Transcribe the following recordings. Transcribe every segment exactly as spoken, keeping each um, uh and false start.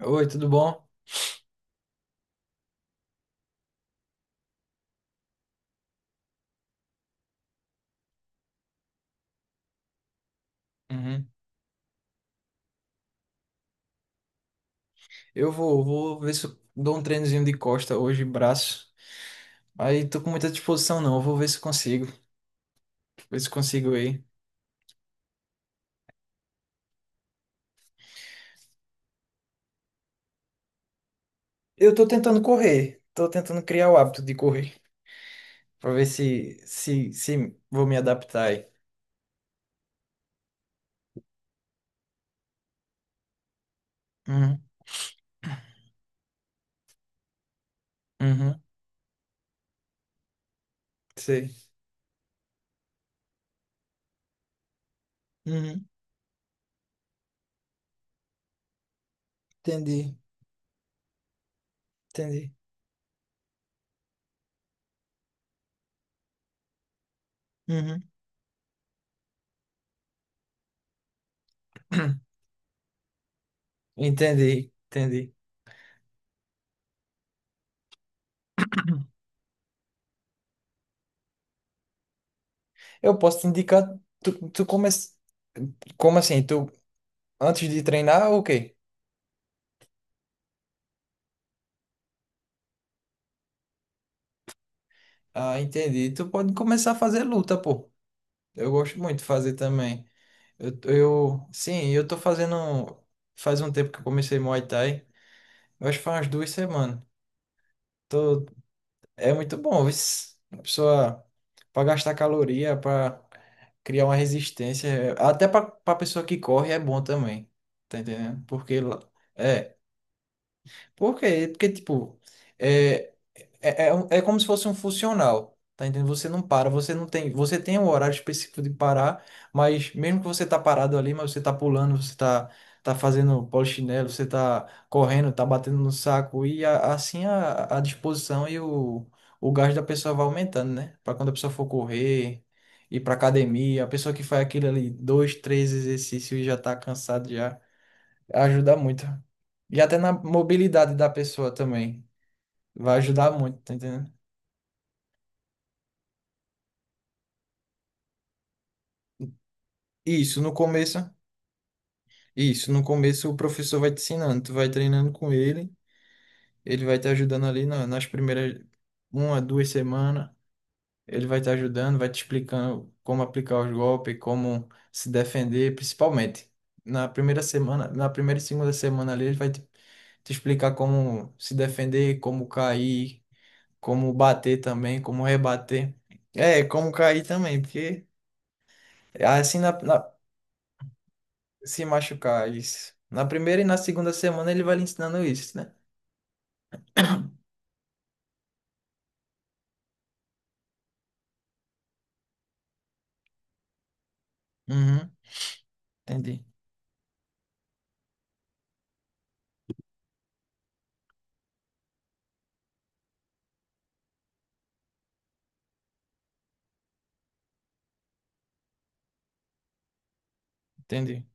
Oi, tudo bom? Uhum. Eu vou, vou ver se eu dou um treinozinho de costa hoje, braço. Aí tô com muita disposição não, eu vou ver se consigo, ver se consigo aí. Eu tô tentando correr, tô tentando criar o hábito de correr, pra ver se, se, se vou me adaptar aí. Uhum, uhum, sei. Uhum, entendi, entendi. Uhum. Entendi, entendi. Eu posso te indicar, tu, tu come, como assim, tu antes de treinar ou o quê? Ah, entendi. Tu pode começar a fazer luta, pô. Eu gosto muito de fazer também. Eu, eu, sim, eu tô fazendo. Faz um tempo que eu comecei Muay Thai. Eu acho que faz umas duas semanas. Tô, é muito bom, viu? A pessoa, pra gastar caloria, pra criar uma resistência. é, Até pra, pra pessoa que corre é bom também. Tá entendendo? Porque. lá- É. Porque, porque tipo. é, É, é, um- é como se fosse um funcional, tá entendendo? Você não para, você não tem, você tem um horário específico de parar, mas mesmo que você tá parado ali, mas você tá pulando, você tá, tá fazendo polichinelo, você tá correndo, tá batendo no saco, e a- assim a, a disposição e o, o gás da pessoa vai aumentando, né? Para quando a pessoa for correr, ir pra academia, a pessoa que faz aquilo ali, dois, três exercícios e já tá cansado, já ajuda muito. E até na mobilidade da pessoa também, vai ajudar muito, tá entendendo? Isso, no começo, isso, no começo o professor vai te ensinando, tu vai treinando com ele, ele vai te ajudando ali na- nas primeiras uma, duas semanas, ele vai te ajudando, vai te explicando como aplicar os golpes, como se defender, principalmente. Na primeira semana, na primeira e segunda semana ali, ele vai te, te explicar como se defender, como cair, como bater também, como rebater. É, como cair também, porque assim na, na- se machucar, isso. Na primeira e na segunda semana ele vai lhe ensinando isso, né? Uhum, entendi, entendi,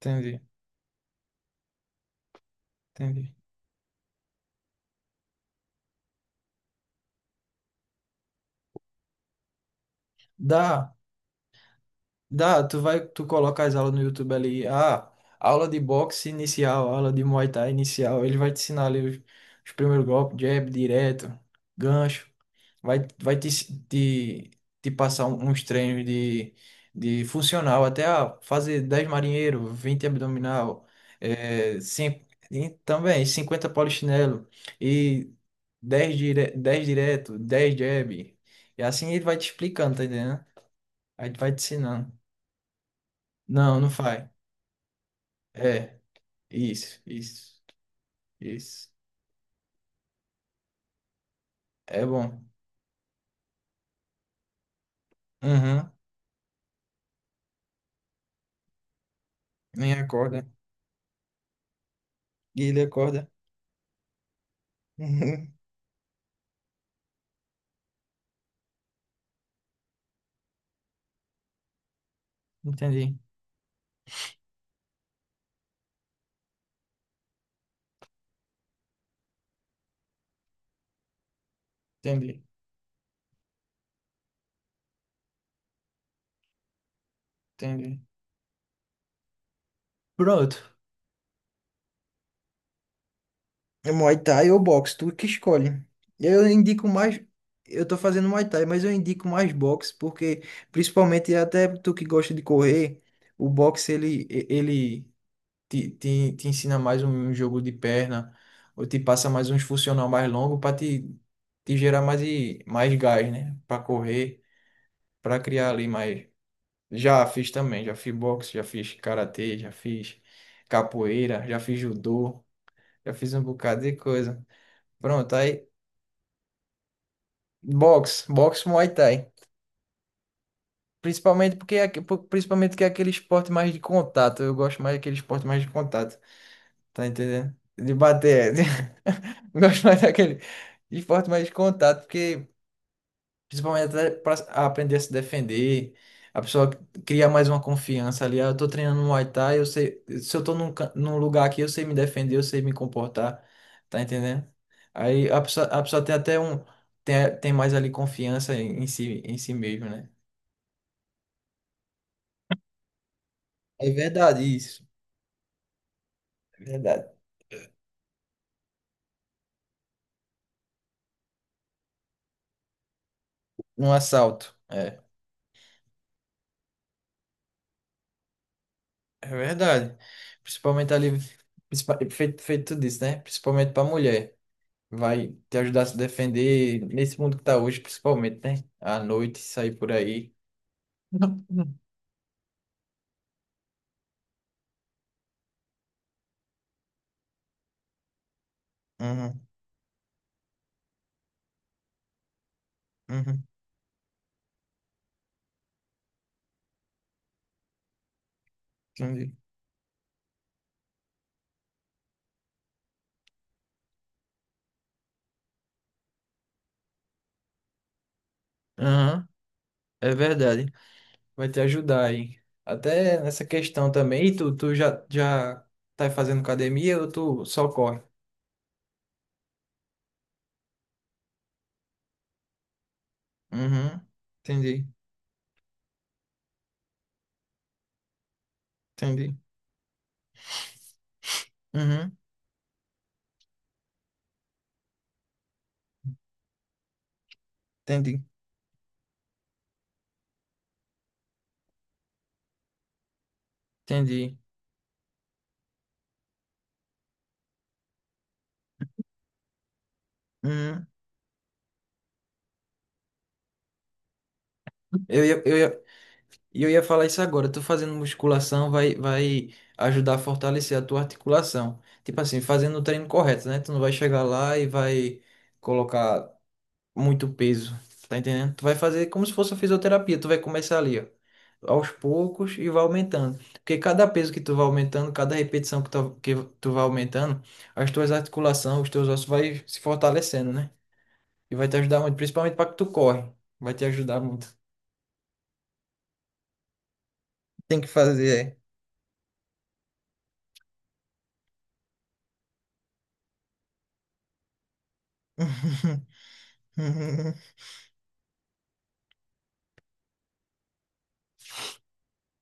entendi, entendi. Dá. Dá, tu vai, tu coloca as aulas no YouTube ali, ah, aula de boxe inicial, aula de Muay Thai inicial, ele vai te ensinar ali os, os primeiros golpes, jab, direto, gancho, vai, vai te, te, te passar um- uns treinos de, de funcional, até ah, fazer dez marinheiro, vinte abdominal, é, cin- e também cinquenta polichinelo e dez dire, dez direto, dez jab, e assim ele vai te explicando, tá entendendo? Aí tu vai te ensinando. Não, não faz. É, isso, isso, isso. É bom. Uhum, nem acorda. E ele acorda. Uhum. Entendi, entendi, entendi. Pronto. É Muay Thai ou boxe, tu que escolhe. Eu indico mais. Eu tô fazendo Muay Thai, mas eu indico mais boxe, porque, principalmente até tu que gosta de correr, o boxe ele, ele te, te, te ensina mais um jogo de perna, ou te passa mais uns funcional mais longo para te, te gerar mais, e- mais gás, né? Para correr, para criar ali mais. Já fiz também, já fiz boxe, já fiz karatê, já fiz capoeira, já fiz judô, já fiz um bocado de coisa. Pronto, aí boxe, boxe Muay Thai. Principalmente porque é, aque- principalmente que é aquele esporte mais de contato. Eu gosto mais daquele esporte mais de contato. Tá entendendo? De bater. de- Gosto mais daquele esporte mais de contato, porque principalmente até pra aprender a se defender, a pessoa cria mais uma confiança ali. Ah, eu tô treinando Muay Thai, eu sei, se eu tô num, can- num lugar aqui, eu sei me defender, eu sei me comportar, tá entendendo? Aí a pessoa, a pessoa tem até um, tem, tem mais ali confiança em, em si, em si mesmo, né? É verdade isso, é verdade. Um assalto. É. É verdade. Principalmente ali, principal- feito, feito tudo isso, né? Principalmente pra mulher. Vai te ajudar a se defender nesse mundo que tá hoje, principalmente, né? À noite, sair por aí. Não, não. Uhum, uhum, entendi. Aham, é verdade. Vai te ajudar aí. Até nessa questão também. E tu, tu já, já tá fazendo academia ou tu só corre? Uhum, entendi, entendi. Uhum, entendi, entendi. Uhum. Eu ia, eu ia, E eu ia falar isso agora, tu fazendo musculação vai, vai ajudar a fortalecer a tua articulação. Tipo assim, fazendo o treino correto, né? Tu não vai chegar lá e vai colocar muito peso, tá entendendo? Tu vai fazer como se fosse a fisioterapia, tu vai começar ali, ó, aos poucos e vai aumentando. Porque cada peso que tu vai aumentando, cada repetição que tu, que tu vai aumentando, as tuas articulações, os teus ossos vai se fortalecendo, né? E vai te ajudar muito, principalmente para que tu corre, vai te ajudar muito. Tem que fazer, é. Uhum,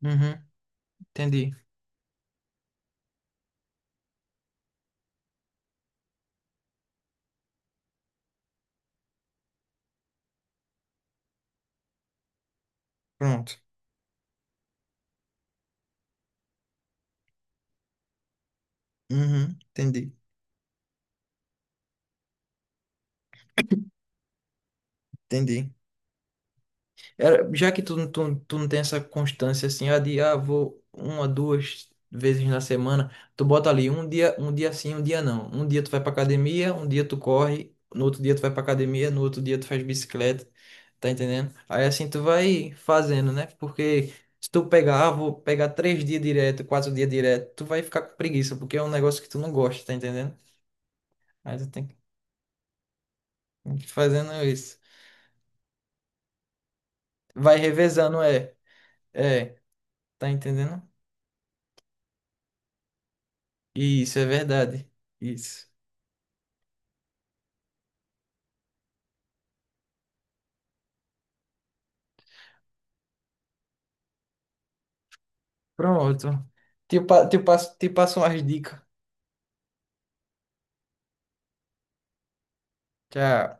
uhum, entendi. Pronto. Uhum, entendi, entendi. Era, já que tu, não- tu, tu não tem essa constância assim, ah, de, ah, vou uma, duas vezes na semana, tu bota ali um dia, um dia sim, um dia não. Um dia tu vai pra academia, um dia tu corre, no outro dia tu vai pra academia, no outro dia tu faz bicicleta, tá entendendo? Aí assim tu vai fazendo, né? Porque se tu pegar, ah, vou pegar três dias direto, quatro dias direto, tu vai ficar com preguiça, porque é um negócio que tu não gosta, tá entendendo? Aí tu tem que tem que ir fazendo isso. Vai revezando, é. É, tá entendendo? Isso, é verdade. Isso. Pronto. Te, pa- te passo, te passo umas dicas. Tchau.